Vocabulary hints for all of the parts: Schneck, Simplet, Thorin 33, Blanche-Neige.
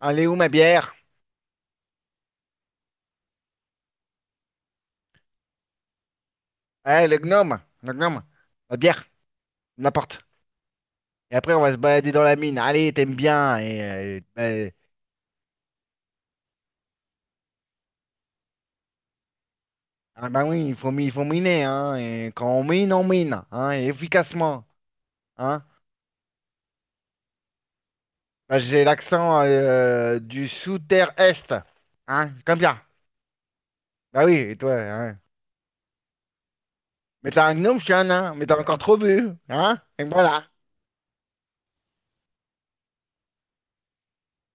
Allez où ma bière? Eh, le gnome, la bière, n'importe. Et après, on va se balader dans la mine. Allez, t'aimes bien. Et, ben, ah ben oui, il faut miner, hein. Et quand on mine, hein, et efficacement, hein. Ben, j'ai l'accent du sous-terre est, hein, comme bien. Bah oui, et toi, hein. Mais t'as un gnome, je suis un nain, mais t'as encore trop bu, hein. Et voilà.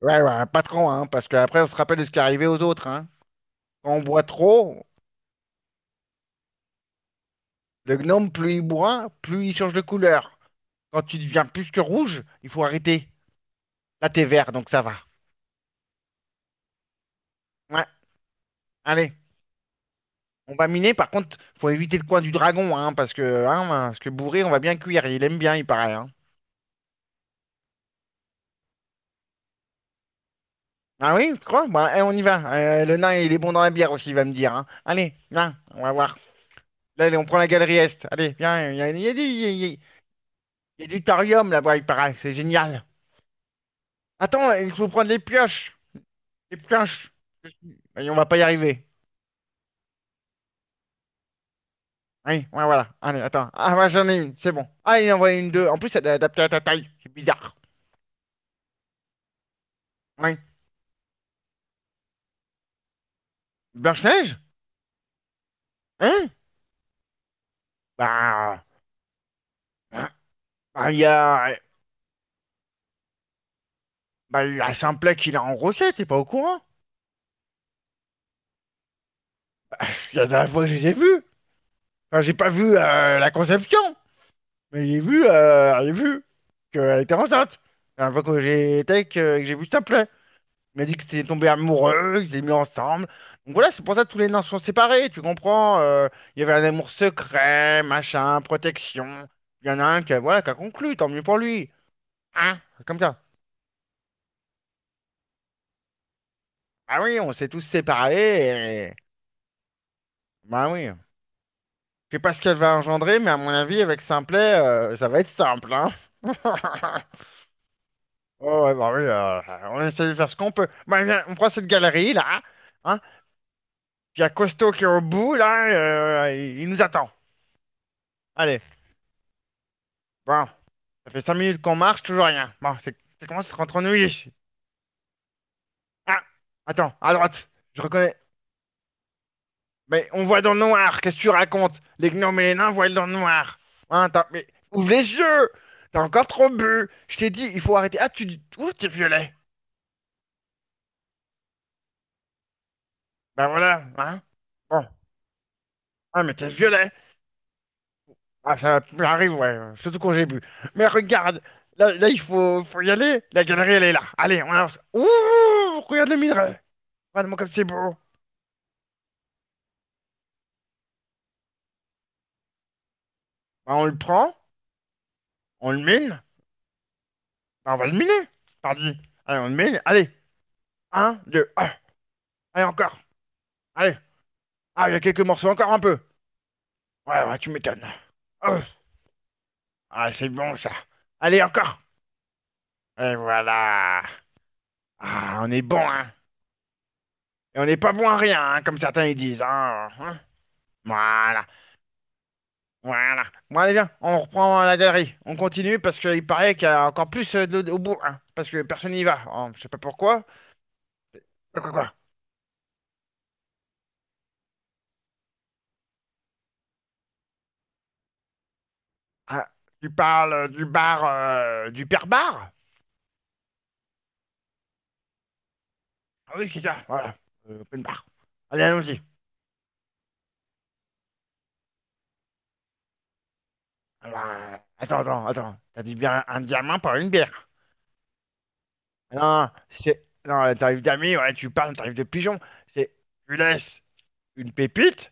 Ouais, ouais, pas trop, hein, parce qu'après, on se rappelle de ce qui est arrivé aux autres, hein. Quand on boit trop, le gnome, plus il boit, plus il change de couleur. Quand tu deviens plus que rouge, il faut arrêter. Là, t'es vert, donc ça va. Ouais, allez, on va miner. Par contre, faut éviter le coin du dragon, hein, parce que bourré, on va bien cuire. Il aime bien, il paraît, hein. Ah oui, tu crois? Bah, eh, on y va. Le nain, il est bon dans la bière aussi, il va me dire, hein. Allez, viens, on va voir. Là, allez, on prend la galerie Est. Allez, viens, il y a du, il y a- du thorium là-bas, il paraît. C'est génial. Attends, il faut prendre les pioches. Les pioches. Et on va pas y arriver. Oui, ouais, voilà. Allez, attends. Ah, moi j'en ai une, c'est bon. Ah, il en envoie une deux. En plus, elle est adaptée à ta taille. C'est bizarre. Oui. Blanche-Neige? Hein? Bah, hein, bah, il y a, bah, il y a Simplet qui l'a engrossé, t'es pas au courant? Il y a la dernière fois que je les ai vus. Enfin, j'ai pas vu la conception, mais j'ai vu qu'elle était enceinte. La dernière fois que j'ai vu Simplet. Il m'a dit que c'était tombé amoureux, qu'ils s'étaient mis ensemble. Donc voilà, c'est pour ça que tous les nains sont séparés, tu comprends? Il y avait un amour secret, machin, protection. Il y en a un qui a, voilà, qui a conclu, tant mieux pour lui. Hein? C'est comme ça. Ah oui, on s'est tous séparés et... Bah oui. Je sais pas ce qu'elle va engendrer, mais à mon avis, avec Simplet, ça va être simple, hein? Oh ouais, bah oui, on essaie de faire ce qu'on peut. Bah, viens, on prend cette galerie, là, hein? Puis il y a Costo qui est au bout, là, il nous attend. Allez, bon. Ça fait 5 minutes qu'on marche, toujours rien. Bon, ça commence à se rendre ennuyé. Ah, attends, à droite, je reconnais. Mais on voit dans le noir, qu'est-ce que tu racontes? Les gnomes et les nains voient dans le noir. Hein, attends, mais ouvre les yeux! T'as encore trop bu! Je t'ai dit, il faut arrêter. Ah, tu dis, ouh, t'es violet. Ben voilà, hein? Bon, ah, mais t'es violet. Ah, ça arrive, ouais, surtout quand j'ai bu. Mais regarde, là, là, il faut y aller. La galerie, elle est là. Allez, on avance. Ouh, regarde le minerai. Regarde-moi comme c'est beau. Ben, on le prend, on le mine. Bah, on va le miner, pardi. Allez, on le mine. Allez, un, deux, un. Allez, encore. Allez. Ah, il y a quelques morceaux, encore un peu. Ouais, ouais, tu m'étonnes. Oh. Ah, c'est bon, ça. Allez, encore. Et voilà. Ah, on est bon, hein. Et on n'est pas bon à rien, hein, comme certains ils disent, hein, hein. Voilà, voilà. Bon, allez, viens, on reprend la galerie. On continue parce qu'il paraît qu'il y a encore plus de au bout, hein. Parce que personne n'y va. Oh, je sais pas pourquoi. Quoi, quoi, quoi. Ah, tu parles du bar, du père bar? Ah oui, c'est ça, voilà. Open bar. Allez, allons-y. Alors, attends, attends, attends. T'arrives bien un diamant pour une bière. Non, c'est. Non, t'arrives d'amis, ouais, tu parles, t'arrives de pigeon. C'est. Tu laisses une pépite,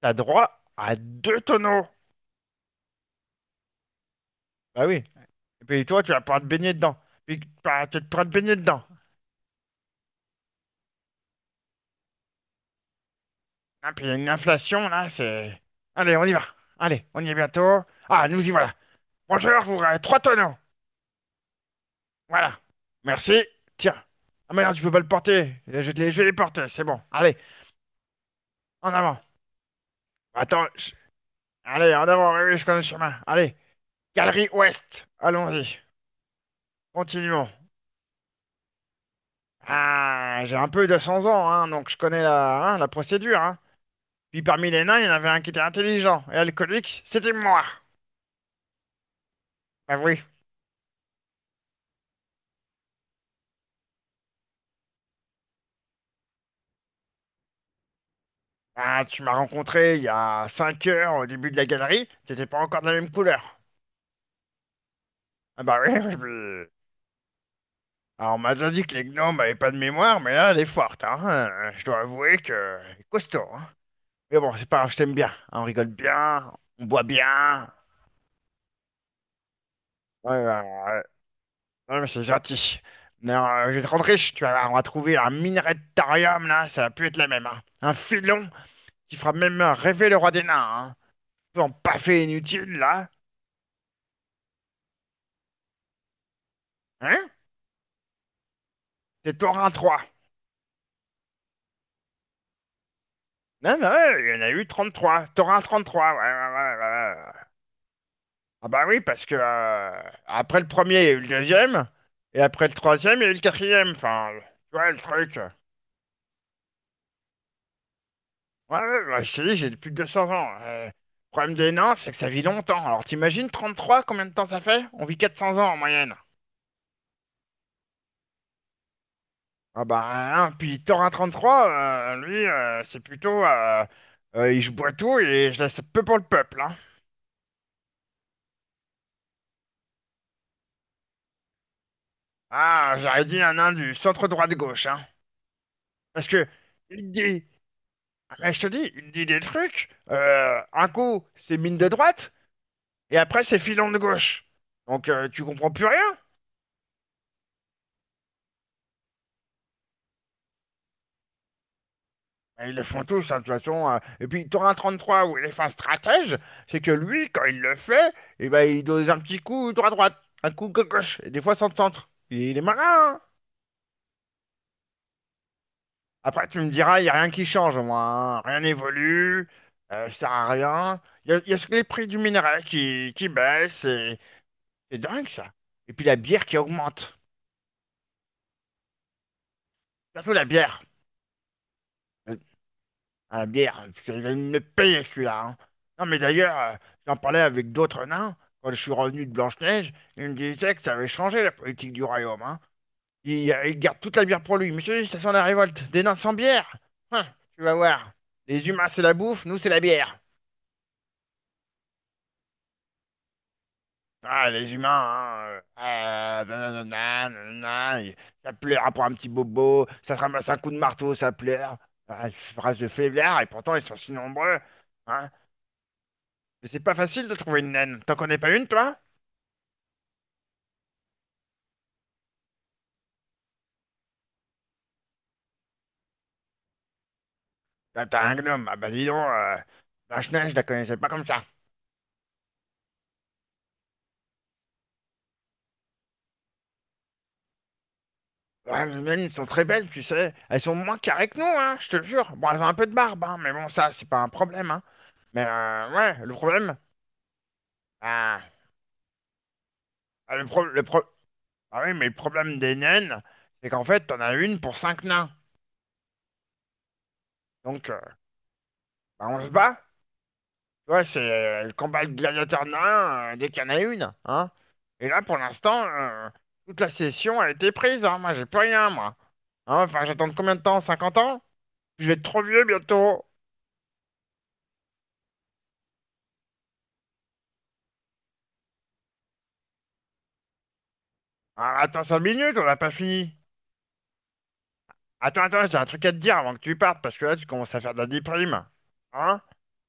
t'as droit à deux tonneaux. Bah oui. Et puis toi, tu vas pouvoir te baigner dedans. Puis bah, tu vas pouvoir te baigner dedans. Hein, puis il y a une inflation, là, c'est. Allez, on y va. Allez, on y est bientôt. Ah, nous y voilà. Bonjour, je voudrais trois tonneaux. Voilà. Merci. Tiens. Ah merde, je peux pas le porter. Je vais les porter, c'est bon. Allez, en avant. Attends. Allez, en avant, oui, oui, je connais le chemin. Allez, galerie ouest. Allons-y. Continuons. Ah, j'ai un peu 200 ans, hein, donc je connais la, hein, la procédure, hein. Puis parmi les nains, il y en avait un qui était intelligent et alcoolique, c'était moi. Bah oui. Ah, tu m'as rencontré il y a 5 heures au début de la galerie, t'étais pas encore de la même couleur. Ah bah oui, Alors, on m'a déjà dit que les gnomes avaient pas de mémoire, mais là, elle est forte, hein. Je dois avouer que c'est costaud, hein. Mais bon, c'est pas grave, je t'aime bien, hein. On rigole bien, on boit bien. Ouais, ouais, ouais. Ouais, mais c'est gentil. Mais je vais te rendre riche, tu vas voir, on va trouver un minerai de thorium, là, ça va plus être la même, hein. Un filon qui fera même rêver le roi des nains, hein. Tout en paffé inutile, là. Hein? C'est Thorin 3. Non, non, ouais, il y en a eu 33. Thorin 33, ouais, ouais, ouais, ouais, ouais. Ah bah oui, parce que après le premier, il y a eu le deuxième, et après le troisième, il y a eu le quatrième. Enfin, tu vois le truc. Ouais, ouais, bah, je te dis, j'ai plus de 200 ans. Le problème des nains, c'est que ça vit longtemps. Alors t'imagines 33, combien de temps ça fait? On vit 400 ans en moyenne. Ah bah, hein, puis Thorin 33, lui, c'est plutôt... je bois tout et je laisse peu pour le peuple. Hein. Ah, j'aurais dit un nain du centre droit de gauche. Hein. Parce que... Eh, je te dis, il dit des trucs. Un coup, c'est mine de droite, et après, c'est filon de gauche. Donc, tu comprends plus rien. Et ils le font tous, hein, de toute façon. Et puis, t'auras un 33 où il est fin stratège, c'est que lui, quand il le fait, eh ben, il dose un petit coup droit-droite, un coup gauche, et des fois sans centre. Il est malin, hein. Après, tu me diras, il n'y a rien qui change, moi, hein. Rien n'évolue, ça sert à rien. Il y a que les prix du minerai qui baissent, et c'est dingue, ça. Et puis, la bière qui augmente. Surtout la bière. Euh, Ah merde, c'est une payer celui-là, hein. Non mais d'ailleurs, j'en parlais avec d'autres nains quand je suis revenu de Blanche-Neige. Ils me disaient que ça avait changé la politique du royaume. Hein. Il garde toute la bière pour lui. Monsieur, ça sent la révolte. Des nains sans bière. Hein, tu vas voir. Les humains, c'est la bouffe, nous, c'est la bière. Ah, les humains, hein, ah, nanana, nanana, et ça pleure pour un petit bobo, ça se ramasse un coup de marteau, ça pleure. Ah, phrase de faiblard, et pourtant ils sont si nombreux. Hein. Mais c'est pas facile de trouver une naine. T'en connais pas une, toi? Ah, t'as un gnome. Ah bah dis donc, la Schneck, je la connaissais pas comme ça. Ouais, les naines sont très belles, tu sais. Elles sont moins carrées que nous, hein, je te le jure. Bon, elles ont un peu de barbe, hein, mais bon, ça, c'est pas un problème, hein. Mais ouais, le problème... Ah, ah, ah oui, mais le problème des naines, c'est qu'en fait, t'en as une pour cinq nains. Donc, bah, on se bat. Ouais, c'est le combat de gladiateur nain dès qu'il y en a une, hein. Et là, pour l'instant, toute la session a été prise, hein. Moi, j'ai plus rien, moi. Hein, enfin, j'attends combien de temps? 50 ans? Je vais être trop vieux bientôt. Ah, attends 5 minutes, on n'a pas fini. Attends, attends, j'ai un truc à te dire avant que tu partes, parce que là, tu commences à faire de la déprime. Hein?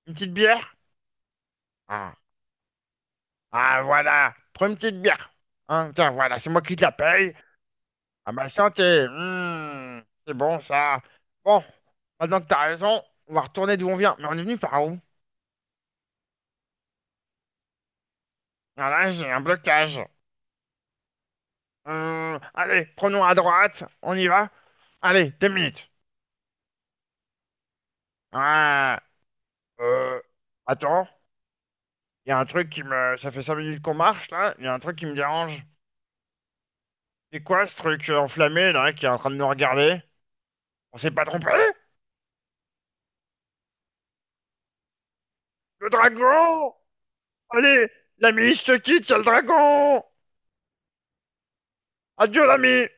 Une petite bière? Ah, ah, voilà. Prends une petite bière. Hein, tiens, voilà, c'est moi qui te la paye. Ah bah, santé. Mmh, c'est bon, ça. Bon, maintenant que t'as raison, on va retourner d'où on vient. Mais on est venu par où? Ah là, j'ai un blocage. Allez, prenons à droite. On y va? Allez, 2 minutes. Ah. Euh, Attends, il y a un truc qui me... Ça fait 5 minutes qu'on marche, là. Il y a un truc qui me dérange. C'est quoi ce truc enflammé, là, qui est en train de nous regarder? On s'est pas trompé? Le dragon! Allez, l'ami, je te quitte, il y a le dragon! Adieu, l'ami!